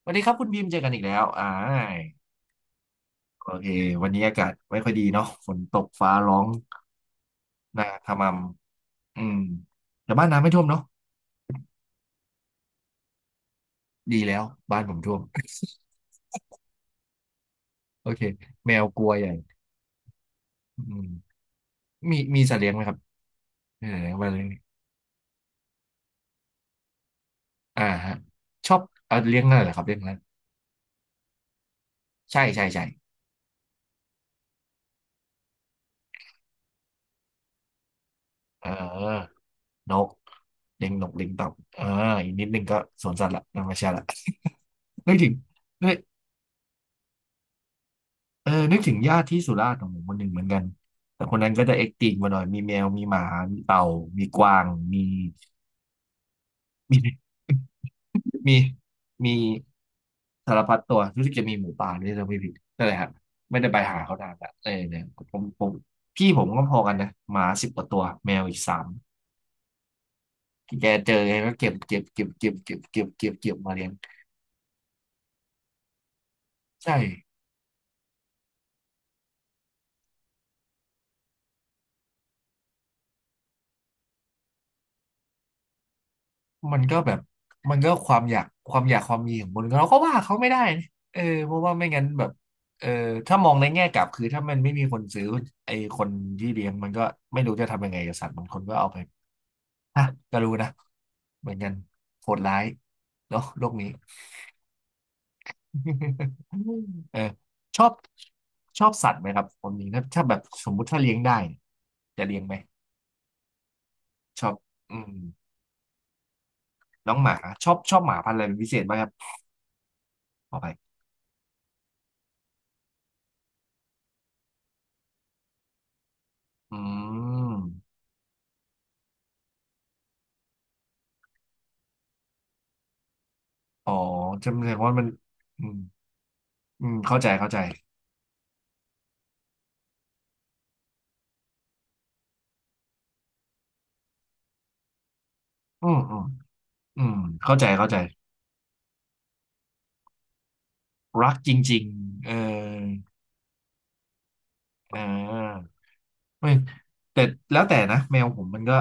สวัสดีครับคุณบีมเจอกันอีกแล้วโอเค วันนี้อากาศไม่ค่อยดีเนาะฝนตกฟ้าร้องนาขมำอืมแต่บ้านน้ำไม่ท่วมเนาะดีแล้ว บ้านผมท่วม โอเค แมวกลัวใหญ่อืมมีสัตว์เลี้ยงไหมครับเออมาเลยอ่าฮะ ชอบเลี้ยงอะไรเหรอครับเลี้ยงอะไรใช่ใช่ใช่เออนกเลี้ยงนกเลี้ยงเต่าเอออีกนิดนึงก็สวนสัตว์ละธรรมชาติละ ไม่ถึง เออนึกถึงญาติที่สุราษฎร์ของผมคนหนึ่งเหมือนกัน แต่คนนั้นก็จะเอ็กติงกว่าหน่อย มีแมว มีหมา มีเต่า มีกวาง มีมีมีมีสารพัดตัวรู้สึกจะมีหมูป่าด้วยถ้าไม่ผิดนั่นแหละครับ ไม่ได้ไปหาเขานานละเออเนี่ยผมพี่ผมก็พอกันนะหมาสิบกว่าตัว แมวอีกสาม แกเจอไงก็เก็บเก็บเก็บเก็บเก็บเก็บเก็บเก็บมาเลี้ยงใช่ มันก็แบบมันก็ความอยากความมีของคนเราก็ว่าเขาไม่ได้นะเออเพราะว่าไม่งั้นแบบเออถ้ามองในแง่กลับคือถ้ามันไม่มีคนซื้อไอ้คนที่เลี้ยงมันก็ไม่รู้จะทำยังไงกับสัตว์บางคนก็เอาไปฮะก็รู้นะเหมือนกันโหดร้ายเนาะโลกนี้ เออชอบชอบสัตว์ไหมครับคนนี้ถ้าแบบสมมุติถ้าเลี้ยงได้เนี่ยจะเลี้ยงไหมชอบอืมน้องหมาชอบชอบหมาพันธุ์อะไรเป็นพิเศษไหมครับขอไปอืม อ๋อจำแสดงว่ามันอืมอืมเข้าใจเข้าใจอืมอืมอืมเข้าใจเข้าใจรักจริงๆเอออ่าไม่แต่แล้วแต่นะแมวผมมันก็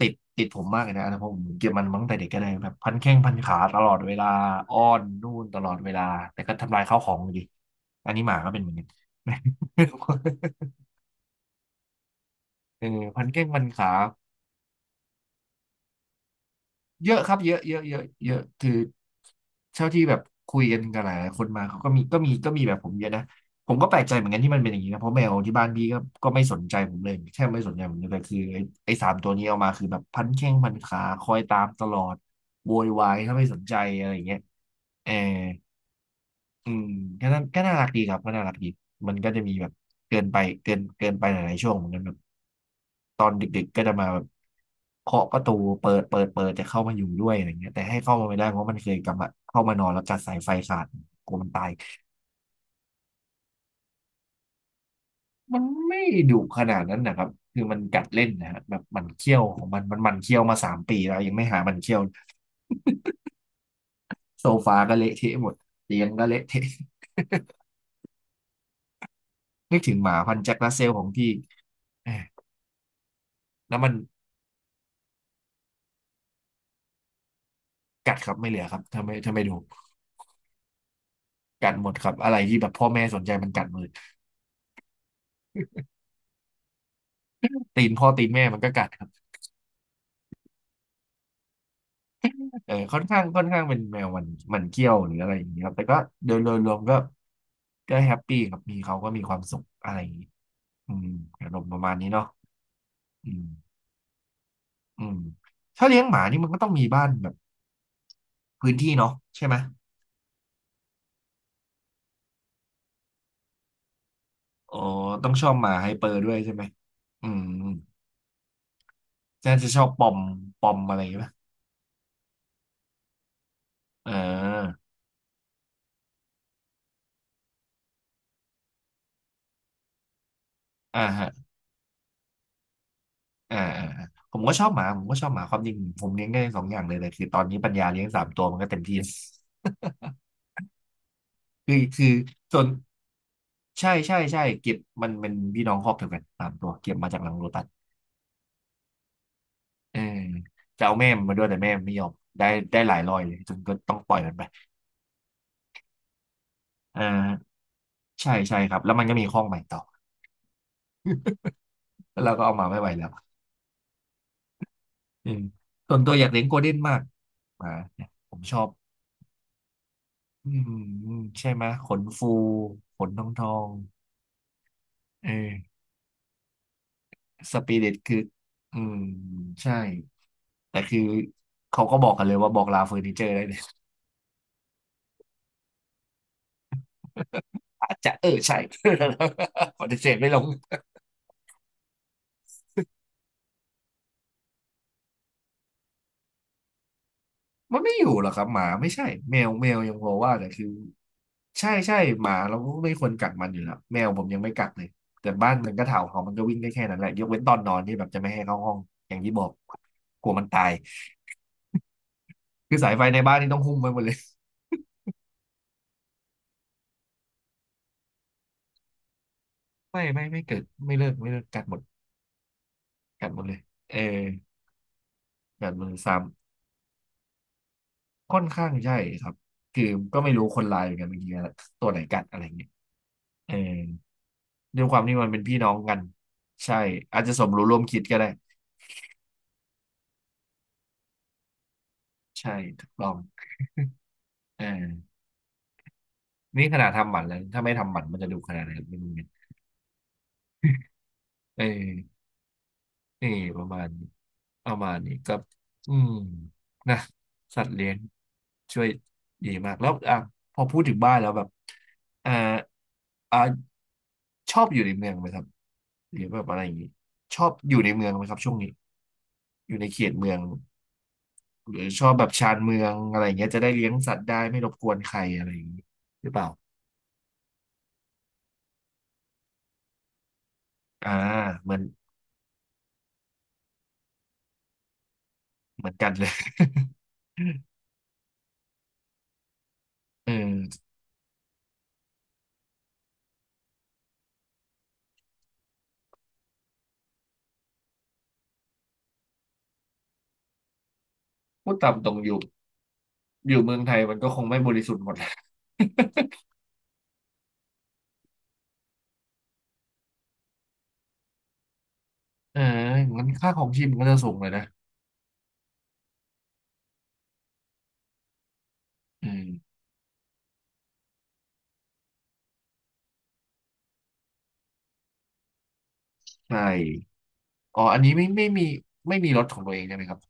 ติดผมมากเลยนะเพราะผมเก็บมันมาตั้งแต่เด็กก็เลยแบบพันแข้งพันขาตลอดเวลาอ้อนนู่นตลอดเวลาแต่ก็ทำลายข้าวของอยู่ดีอันนี้หมาก็เป็นเหมือนกัน เออพันแข้งพันขา เยอะครับเยอะเยอะเยอะเยอะคือเท่าที่แบบคุยกันกับหลายๆคนมาเขาก็มีแบบผมเยอะนะผมก็แปลกใจเหมือนกันที่มันเป็นอย่างนี้นะเพราะแมวที่บ้านพี่ก็ไม่สนใจผมเลยแทบไม่สนใจผมเลยแต่คือไอ้สามตัวนี้เอามาคือแบบพันแข้งพันขาคอยตามตลอดโวยวายถ้าไม่สนใจอะไรอย่างเงี้ยเออ อืมก็น่ารักดีครับก็น่ารักดีมันก็จะมีแบบเกินไปเกินไปหลายๆช่วงเหมือนกันแบบตอนเด็กๆก็จะมาแบบเคาะประตูเปิดจะเข้ามาอยู่ด้วยอะไรเงี้ยแต่ให้เข้ามาไม่ได้เพราะมันเคยกลับมาเข้ามานอนแล้วกัดสายไฟขาดกลัวมันตายมันไม่ดุขนาดนั้นนะครับคือมันกัดเล่นนะฮะแบบหมันเคี้ยวของมันมันหมันเคี้ยวมาสามปีแล้วยังไม่หาหมันเคี้ยวโซฟาก็เละเทะหมดเตียงก็เละเทะนึกถึงหมาพันธุ์แจ็ครัสเซลของพี่แหมแล้วมัน กัดครับไม่เหลือครับถ้าไม่ดูกัดหมดครับอะไรที่แบบพ่อแม่สนใจมันกัดหมดเลยตีนพ่อตีนแม่มันก็กัดครับเออค่อนข้างเป็นแมวมันมันเกี้ยวหรืออะไรอย่างเงี้ยครับแต่ก็โดยรวมก็ก็แฮปปี้ครับมีเขาก็มีความสุขอะไรอย่างงี้อืมอารมณ์ประมาณนี้เนาะอืมอืมถ้าเลี้ยงหมานี่มันก็ต้องมีบ้านแบบพื้นที่เนาะใช่ไหมอ๋อต้องชอบหมาไฮเปอร์ด้วยใช่ไหมอืมน่าจะชอบปอมปอมอะไรอย่างเงี้ยป่ะเอออ่าฮะ อ่าอ่าอ่าผมก็ชอบหมาผมก็ชอบหมาความจริงผมเลี้ยงได้สองอย่างเลยแต่คือตอนนี้ปัญญาเลี้ยงสามตัวมันก็เต็มที่คือส่วนใช่ใช่ใช่เก็บมันเป็นพี่น้องครอบเดียวกันสามตัวเก็บมาจากหลังโลตัสเออจะเอาแม่มันมาด้วยแต่แม่มันไม่ยอมได้ได้หลายร้อยเลยจนก็ต้องปล่อยมันไปอ่าใช่ใช่ครับแล้วมันก็มีข้องใหม่ต่อแล้วเราก็เอามาไม่ไหวแล้วอืมส่วนตัวอยากเลี้ยงโกลเด้นมากหมาเนี่ยผมชอบอืมใช่ไหมขนฟูขนทองทองเออ สปิริตคืออืมใช่แต่คือเขาก็บอกกันเลยว่าบอกลาเฟอร์นิเจอร์ได้เลย อาจจะเออใช่ ปฏิเสธไม่ลงมันไม่อยู่หรอกครับหมาไม่ใช่แมวยังพอว่าแต่คือใช่ใช่หมาเราก็ไม่ควรกัดมันอยู่แล้วแมวผมยังไม่กัดเลยแต่บ้านมันก็เถ่าเขามันก็วิ่งได้แค่นั้นแหละยกเว้นตอนนอนที่แบบจะไม่ให้เข้าห้องอย่างที่บอกกลัวมันตายคือสายไฟในบ้านนี่ต้องหุ้มไว้หมดเลยไม่เกิดไม่เลิกกัดหมดกัดหมดเลยเออกัดหมดสาม ค่อนข้างใช่ครับคือก็ไม่รู้คนลายเหมือนกันบางทีตัวไหนกัดอะไรเงี้ยเออด้วยความที่มันเป็นพี่น้องกันใช่อาจจะสมรู้ร่วมคิดก็ได้ใช่ถูกต้องเออนี่ขนาดทำหมันแล้วถ้าไม่ทำหมันมันจะดูขนาดไหนไม่รู้เนี่ยเออนี่ประมาณนี้ประมาณนี้ก็อืมนะสัตว์เลี้ยง ช่วยดีมากแล้วอ่ะพอพูดถึงบ้านแล้วแบบอ่าอ่าชอบอยู่ในเมืองไหมครับหรือแบบอะไรอย่างนี้ชอบอยู่ในเมืองไหมครับช่วงนี้อยู่ในเขตเมืองหรือชอบแบบชานเมืองอะไรอย่างเงี้ยจะได้เลี้ยงสัตว์ได้ไม่รบกวนใครอะไรอย่างนี้หรือเปล่าอ่าเหมือนเหมือนกันเลย เออพูดตามตรงอยู่อยู่เมืองไทยมันก็คงไม่บริสุทธิ์หมดแหละ เอองั้นค่าของชีพมันก็จะสูงเลยนะอืมใช่ อ๋ออันนี้ไม่มีไม่มีรถของตัวเองใช่ไหมครับ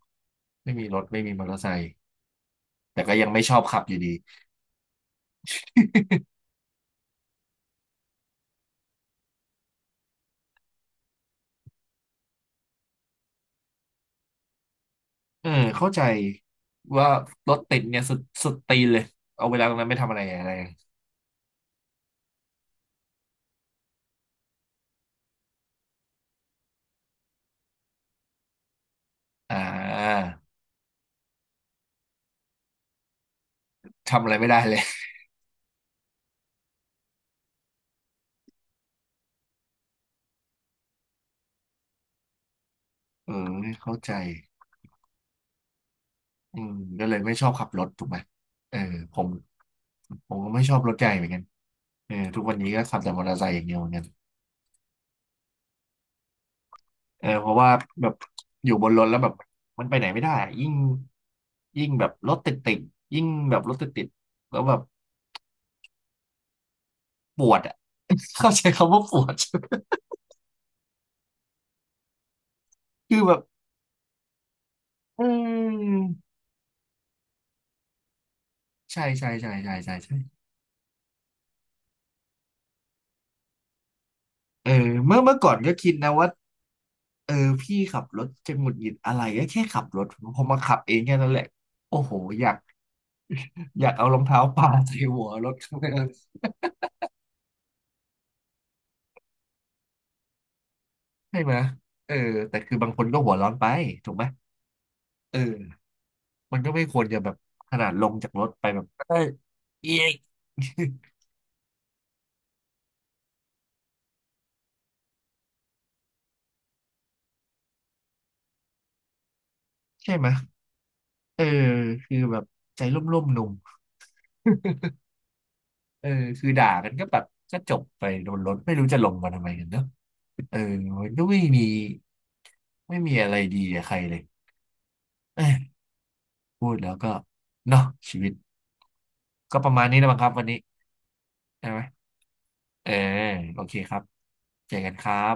ไม่มีรถไม่มีมอเตอร์ไซค์แต่ก็ยังไม่ชอบขับอยู่ดีเออเข้าใจว่ารถติดเนี่ยสุดตีนเลยเอาเวลาตรงนั้นไม่ทำอะไรอะไรอ่าทำอะไรไม่ได้เลยเออเข้าใจอืมก็เลยไม่ชอบขับรถถูกไหมเออผมผมก็ไม่ชอบรถใหญ่เหมือนกันเออทุกวันนี้ก็ขับแต่มอเตอร์ไซค์อย่างเดียวเหมือนกัน เออเพราะว่าแบบอยู่บนรถแล้วแบบมันไปไหนไม่ได้อะยิ่งแบบรถติดยิ่งแบบรถติดติดแล้วแบบปวดอ่ะ เข้าใจคำว่าปวด คือแบบอืมใช่ใช่ใช่ใช่ใช่ใช่เออเมื่อก่อนก็คิดนะว่าเออพี่ขับรถจะหงุดหงิดอะไรก็แค่ขับรถพอมาขับเองแค่นั้นแหละโอ้โหอยากอยากเอารองเท้าปาใส่หัวรถข้างหน้าใช่ไหมเออแต่คือบางคนก็หัวร้อนไปถูกไหมเออ มันก็ไม่ควรจะแบบขนาดลงจากรถไปแบบเอ้ยเอี๊ยะ ใช่ไหมเออคือแบบใจร่มๆหนุ่มเออคือด่ากันก็แบบก็จบไปโดนรถไม่รู้จะลงมาทำไมกันเนอะเออมันก็ไม่มีไม่มีอะไรดีกับใครเลยเอ้ยพูดแล้วก็เนาะชีวิตก็ประมาณนี้แล้วมั้งครับวันนี้ใช่ไหมเออโอเคครับเจอกันครับ